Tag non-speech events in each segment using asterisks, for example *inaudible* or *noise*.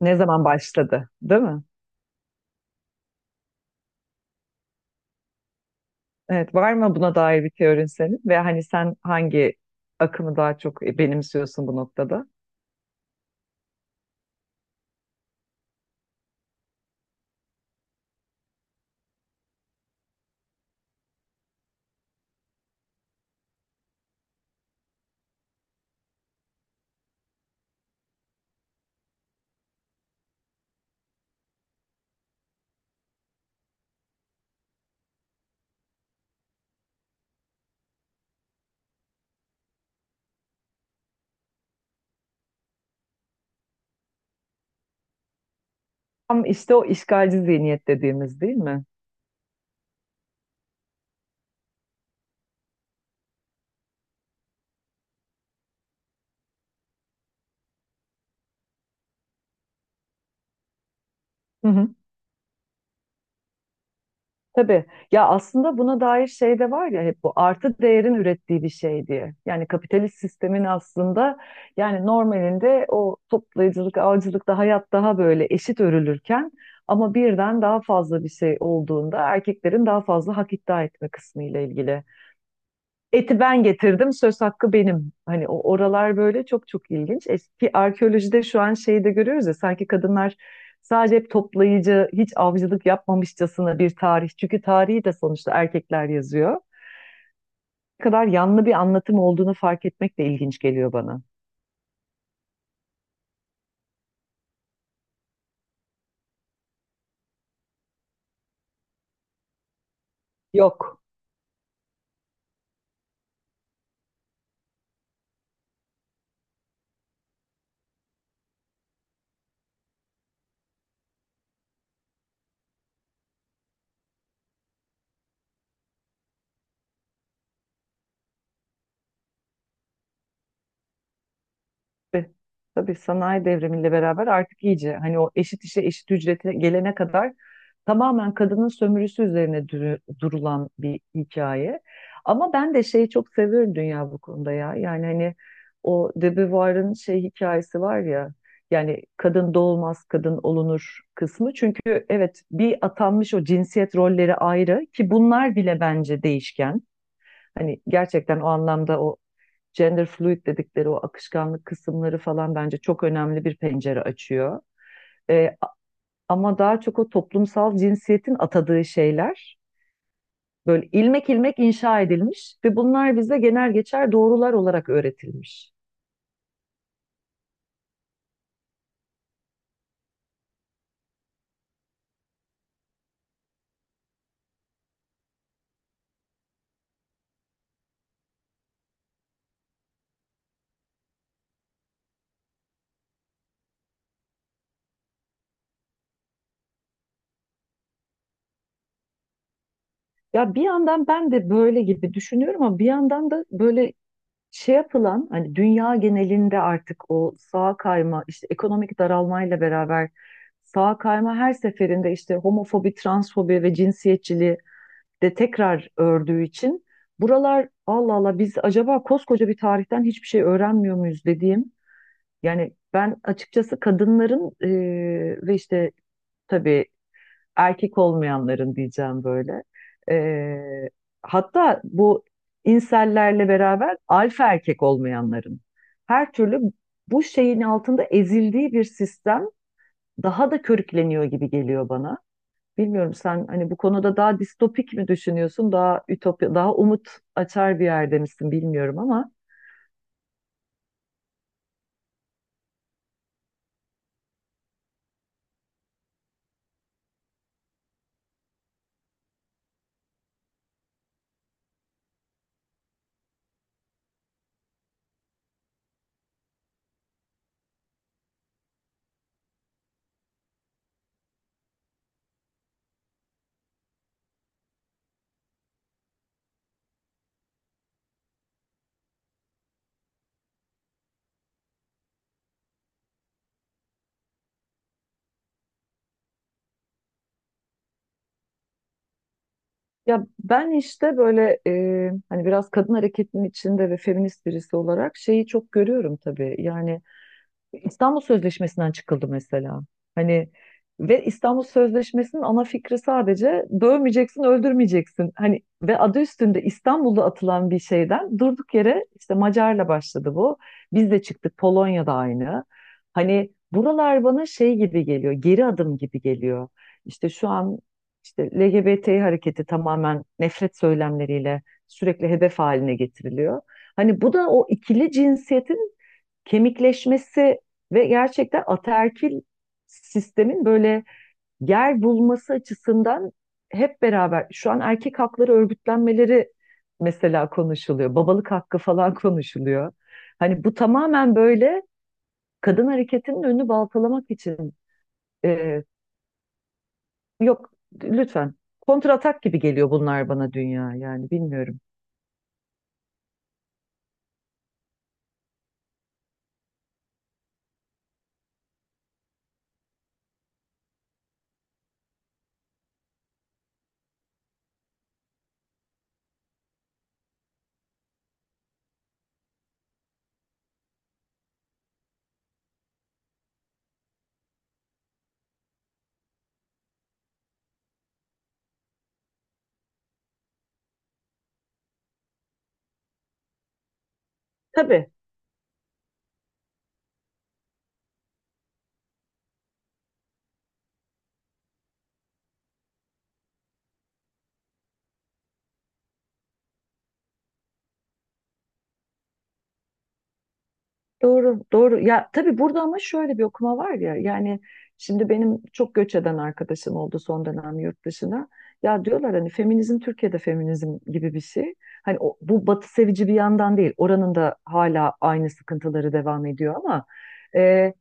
Ne zaman başladı, değil mi? Evet, var mı buna dair bir teorin senin? Ve hani sen hangi akımı daha çok benimsiyorsun bu noktada? Tam işte o işgalci zihniyet dediğimiz değil mi? Hı hı. Tabii. Ya aslında buna dair şey de var ya, hep bu artı değerin ürettiği bir şey diye. Yani kapitalist sistemin aslında, yani normalinde o toplayıcılık, avcılıkta hayat daha böyle eşit örülürken ama birden daha fazla bir şey olduğunda erkeklerin daha fazla hak iddia etme kısmı ile ilgili. Eti ben getirdim, söz hakkı benim. Hani o oralar böyle çok çok ilginç. Eski arkeolojide şu an şeyi de görüyoruz ya, sanki kadınlar sadece hep toplayıcı, hiç avcılık yapmamışçasına bir tarih. Çünkü tarihi de sonuçta erkekler yazıyor. Ne kadar yanlı bir anlatım olduğunu fark etmek de ilginç geliyor bana. Yok. Ve tabii sanayi devrimiyle beraber artık iyice, hani o eşit işe eşit ücrete gelene kadar tamamen kadının sömürüsü üzerine durulan bir hikaye. Ama ben de şeyi çok seviyorum dünya bu konuda ya. Yani hani o de Beauvoir'ın şey hikayesi var ya. Yani kadın doğulmaz, kadın olunur kısmı. Çünkü evet, bir atanmış o cinsiyet rolleri ayrı, ki bunlar bile bence değişken. Hani gerçekten o anlamda o gender fluid dedikleri o akışkanlık kısımları falan bence çok önemli bir pencere açıyor. Ee, ama daha çok o toplumsal cinsiyetin atadığı şeyler böyle ilmek ilmek inşa edilmiş ve bunlar bize genel geçer doğrular olarak öğretilmiş. Ya bir yandan ben de böyle gibi düşünüyorum ama bir yandan da böyle şey yapılan, hani dünya genelinde artık o sağa kayma, işte ekonomik daralmayla beraber sağa kayma her seferinde işte homofobi, transfobi ve cinsiyetçiliği de tekrar ördüğü için buralar, Allah Allah, biz acaba koskoca bir tarihten hiçbir şey öğrenmiyor muyuz dediğim, yani ben açıkçası kadınların ve işte tabii erkek olmayanların diyeceğim böyle. Ee, hatta bu insellerle beraber alfa erkek olmayanların her türlü bu şeyin altında ezildiği bir sistem daha da körükleniyor gibi geliyor bana. Bilmiyorum, sen hani bu konuda daha distopik mi düşünüyorsun, daha ütopya, daha umut açar bir yerde misin bilmiyorum ama ya ben işte böyle hani biraz kadın hareketinin içinde ve feminist birisi olarak şeyi çok görüyorum tabii. Yani İstanbul Sözleşmesi'nden çıkıldı mesela. Hani ve İstanbul Sözleşmesi'nin ana fikri sadece dövmeyeceksin, öldürmeyeceksin. Hani ve adı üstünde İstanbul'da atılan bir şeyden durduk yere işte Macar'la başladı bu. Biz de çıktık, Polonya'da aynı. Hani buralar bana şey gibi geliyor, geri adım gibi geliyor. İşte şu an işte LGBT hareketi tamamen nefret söylemleriyle sürekli hedef haline getiriliyor. Hani bu da o ikili cinsiyetin kemikleşmesi ve gerçekten ataerkil sistemin böyle yer bulması açısından hep beraber şu an erkek hakları örgütlenmeleri mesela konuşuluyor. Babalık hakkı falan *laughs* konuşuluyor. Hani bu tamamen böyle kadın hareketinin önünü baltalamak için e, yok, lütfen, kontratak gibi geliyor bunlar bana dünya, yani bilmiyorum. Tabii. Doğru, doğru. Ya tabii burada ama şöyle bir okuma var ya. Yani şimdi benim çok göç eden arkadaşım oldu son dönem yurt dışına. Ya diyorlar hani feminizm Türkiye'de feminizm gibi bir şey. Hani o- bu batı sevici bir yandan değil. Oranın da hala aynı sıkıntıları devam ediyor ama e,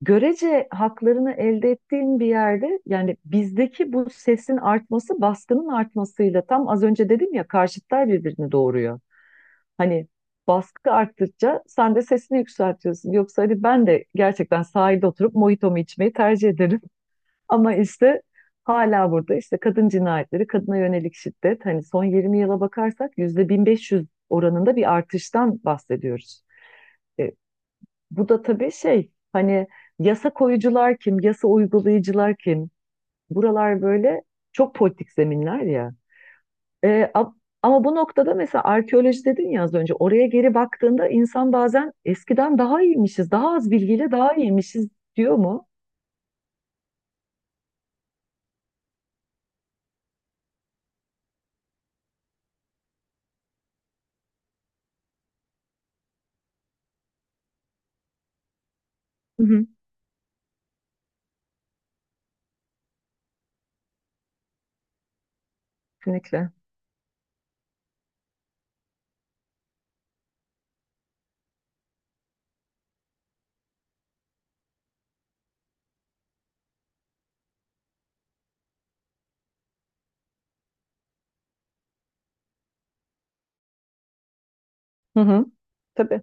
görece haklarını elde ettiğin bir yerde, yani bizdeki bu sesin artması baskının artmasıyla, tam az önce dedim ya, karşıtlar birbirini doğuruyor. Hani baskı arttıkça sen de sesini yükseltiyorsun. Yoksa hadi ben de gerçekten sahilde oturup mojitomu içmeyi tercih ederim. *laughs* Ama işte hala burada işte kadın cinayetleri, kadına yönelik şiddet, hani son 20 yıla bakarsak yüzde 1500 oranında bir artıştan bahsediyoruz. E, bu da tabii şey, hani yasa koyucular kim, yasa uygulayıcılar kim? Buralar böyle çok politik zeminler ya. Ee, a- ama bu noktada mesela arkeoloji dedin ya az önce, oraya geri baktığında insan bazen eskiden daha iyiymişiz, daha az bilgiyle daha iyiymişiz diyor mu? Hı hı. Kesinlikle. Hı hı. Tabii.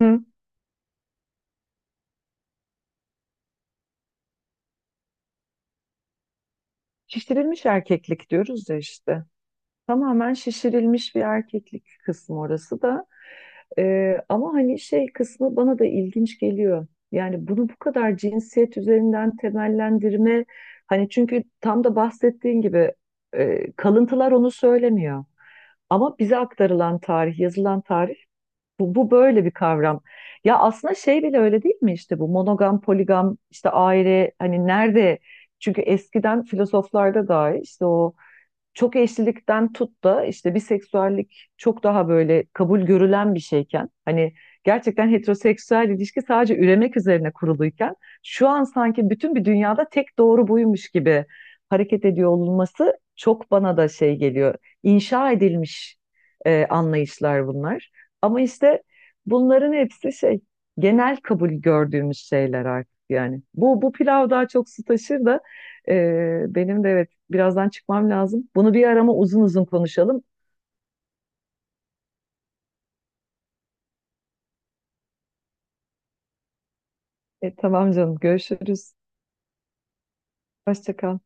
Hı. Şişirilmiş erkeklik diyoruz ya işte. Tamamen şişirilmiş bir erkeklik kısmı orası da. Ama hani şey kısmı bana da ilginç geliyor. Yani bunu bu kadar cinsiyet üzerinden temellendirme, hani çünkü tam da bahsettiğin gibi kalıntılar onu söylemiyor. Ama bize aktarılan tarih, yazılan tarih bu böyle bir kavram. Ya aslında şey bile öyle değil mi, işte bu monogam, poligam, işte aile hani nerede? Çünkü eskiden filozoflarda dahi işte o çok eşlilikten tut da işte biseksüellik çok daha böyle kabul görülen bir şeyken, hani gerçekten heteroseksüel ilişki sadece üremek üzerine kuruluyken şu an sanki bütün bir dünyada tek doğru buymuş gibi hareket ediyor olması çok bana da şey geliyor. İnşa edilmiş anlayışlar bunlar. Ama işte bunların hepsi şey, genel kabul gördüğümüz şeyler artık yani. Bu pilav daha çok su taşır da e, benim de evet, birazdan çıkmam lazım. Bunu bir arama uzun uzun konuşalım. Tamam canım, görüşürüz. Hoşça kal.